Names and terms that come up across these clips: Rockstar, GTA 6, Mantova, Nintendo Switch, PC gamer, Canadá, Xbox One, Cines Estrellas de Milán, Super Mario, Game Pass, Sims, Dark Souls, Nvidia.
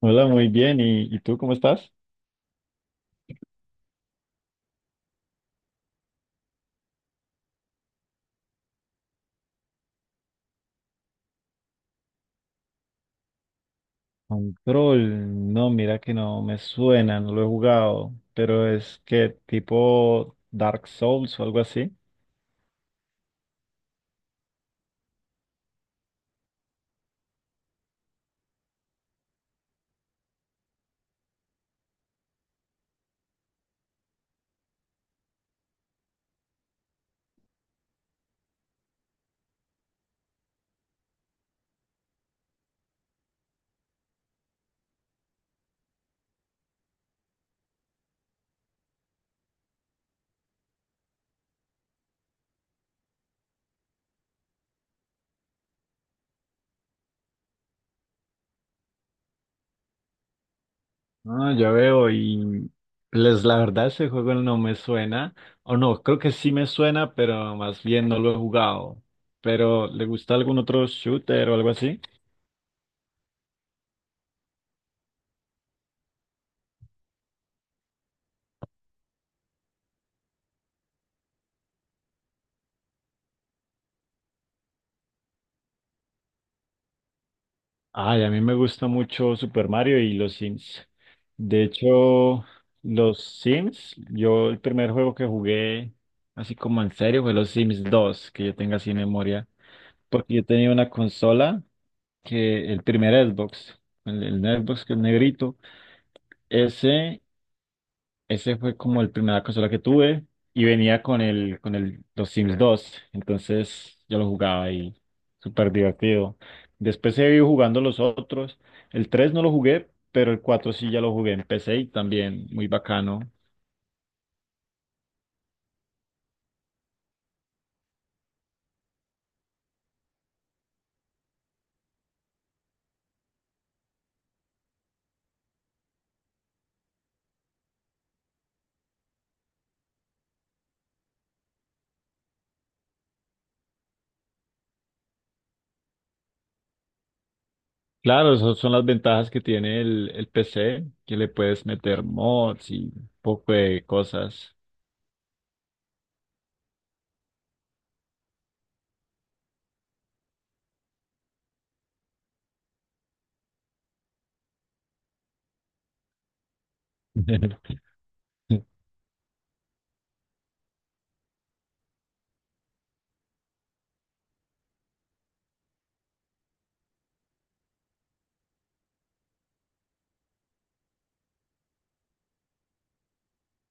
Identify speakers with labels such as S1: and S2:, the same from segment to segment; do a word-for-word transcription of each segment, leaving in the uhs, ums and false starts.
S1: Hola, muy bien. ¿Y, y tú cómo estás? Control, no, mira que no me suena, no lo he jugado, pero es que tipo Dark Souls o algo así. Ah, ya veo, y les la verdad ese juego no me suena, o no, creo que sí me suena, pero más bien no lo he jugado. Pero, ¿le gusta algún otro shooter o algo así? Ay, a mí me gusta mucho Super Mario y los Sims. De hecho, los Sims, yo el primer juego que jugué así como en serio fue los Sims dos, que yo tenga así memoria, porque yo tenía una consola que el primer Xbox, el, el Xbox que es negrito, ese ese fue como el primera consola que tuve y venía con el con el los Sims dos, entonces yo lo jugaba y súper divertido. Después he ido jugando los otros. El tres no lo jugué, pero el cuatro sí ya lo jugué en P C y también muy bacano. Claro, esas son las ventajas que tiene el, el P C, que le puedes meter mods y un poco de cosas.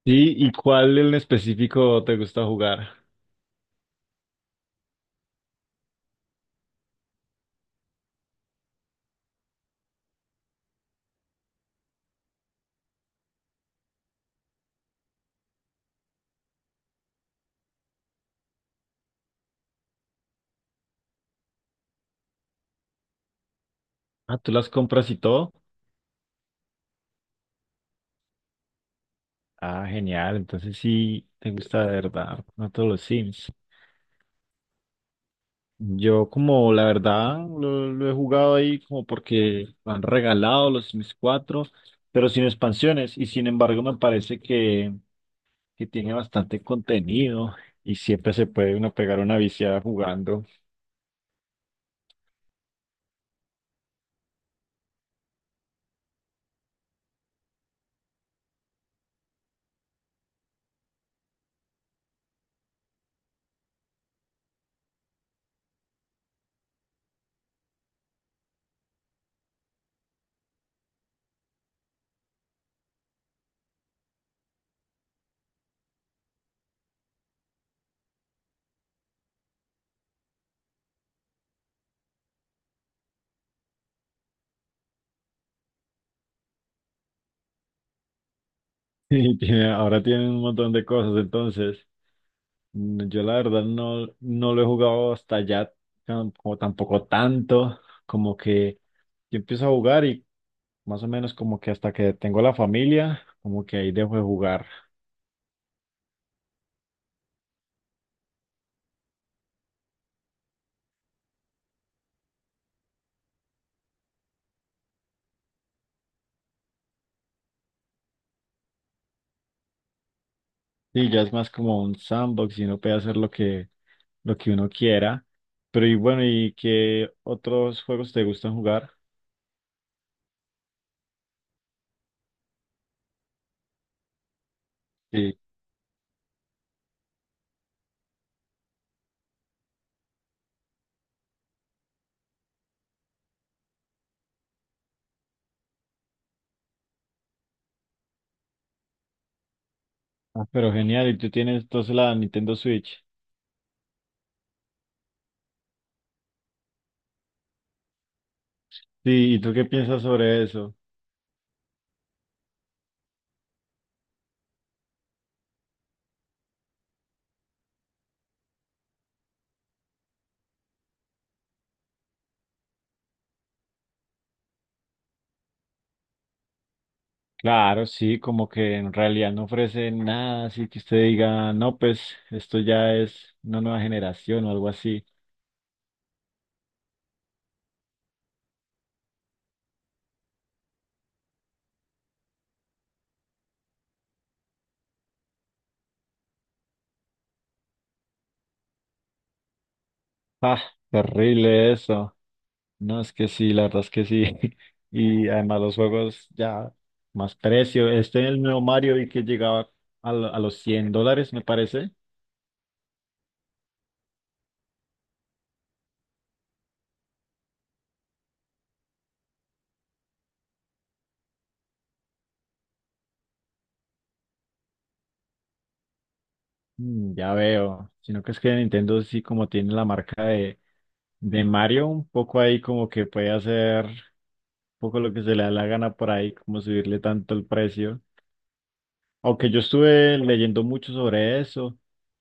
S1: Sí, ¿y cuál en específico te gusta jugar? Ah, ¿tú las compras y todo? Ah, genial. Entonces sí te gusta de verdad, no todos los Sims. Yo como la verdad lo, lo he jugado ahí como porque me han regalado los Sims cuatro, pero sin expansiones. Y sin embargo me parece que, que tiene bastante contenido y siempre se puede uno pegar una viciada jugando. Y tiene- ahora tienen un montón de cosas. Entonces mm, yo la verdad no, no lo he jugado hasta ya tan- como tampoco tanto, como que yo empiezo a jugar y más o menos como que hasta que tengo la familia, como que ahí dejo de jugar. Sí, ya es más como un sandbox y uno puede hacer lo que, lo que uno quiera. Pero y bueno, ¿y qué otros juegos te gustan jugar? Sí. Ah, pero genial, y tú tienes entonces la Nintendo Switch. Sí, ¿y tú qué piensas sobre eso? Claro, sí, como que en realidad no ofrece nada, así que usted diga, no, pues esto ya es una nueva generación o algo así. Ah, terrible eso. No, es que sí, la verdad es que sí. Y además los juegos ya más precio. Este el nuevo Mario vi que llegaba a, lo- a los cien dólares, me parece. Mm, ya veo. Sino que es que Nintendo sí como tiene la marca de, de Mario, un poco ahí como que puede hacer un poco lo que se le da la gana por ahí, como subirle tanto el precio. Aunque yo estuve leyendo mucho sobre eso,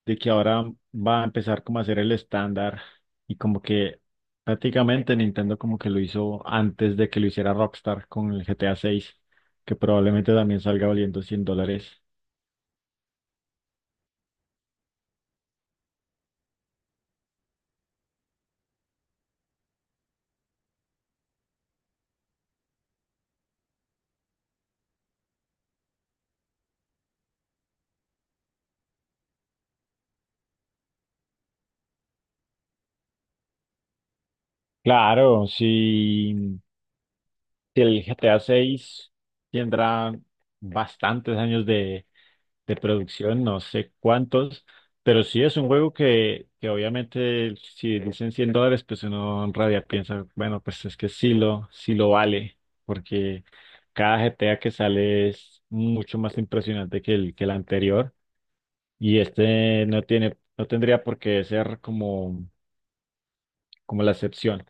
S1: de que ahora va a empezar como a ser el estándar y como que prácticamente Nintendo como que lo hizo antes de que lo hiciera Rockstar con el G T A seis, que probablemente también salga valiendo cien dólares. Claro, si, si el G T A seis tendrá bastantes años de, de producción, no sé cuántos, pero sí es un juego que, que obviamente si dicen cien dólares, pues uno en rabia piensa, bueno, pues es que sí lo, sí lo vale, porque cada G T A que sale es mucho más impresionante que el, que el anterior y este no tiene, no tendría por qué ser como, como la excepción.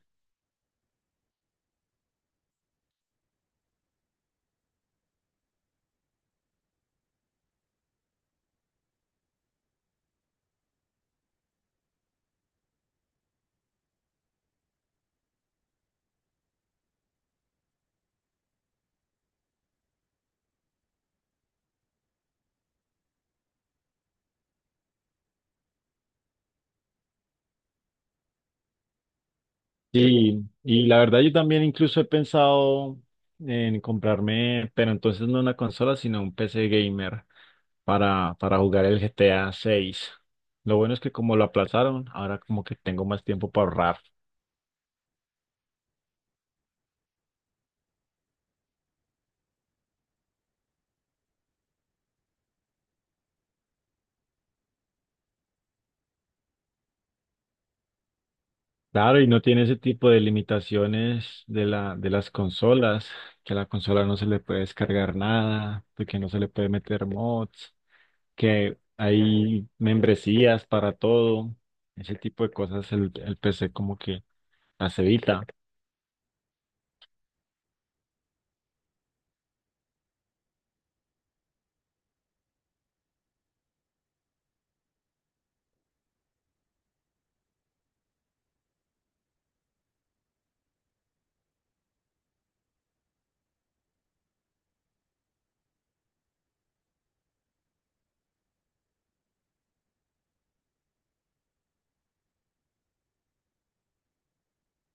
S1: Y, y la verdad yo también incluso he pensado en comprarme, pero entonces no una consola, sino un P C gamer para, para jugar el GTA seis. Lo bueno es que como lo aplazaron, ahora como que tengo más tiempo para ahorrar. Claro, y no tiene ese tipo de limitaciones de la, de las consolas, que a la consola no se le puede descargar nada, de que no se le puede meter mods, que hay membresías para todo, ese tipo de cosas el, el P C como que las evita.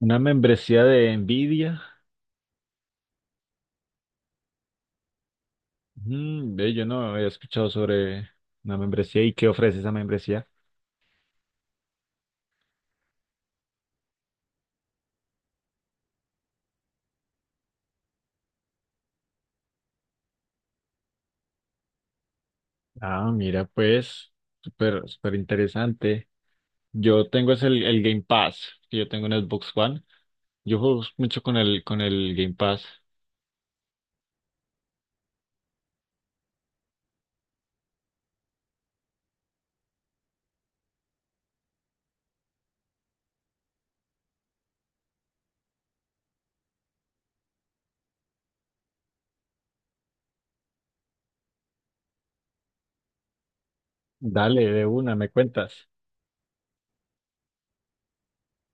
S1: Una membresía de Nvidia. Mm, ve, yo no había escuchado sobre una membresía y qué ofrece esa membresía. Ah, mira, pues, súper, súper interesante. Yo tengo es el, el Game Pass, que yo tengo en Xbox One. Yo juego mucho con el, con el Game Pass. Dale, de una, me cuentas.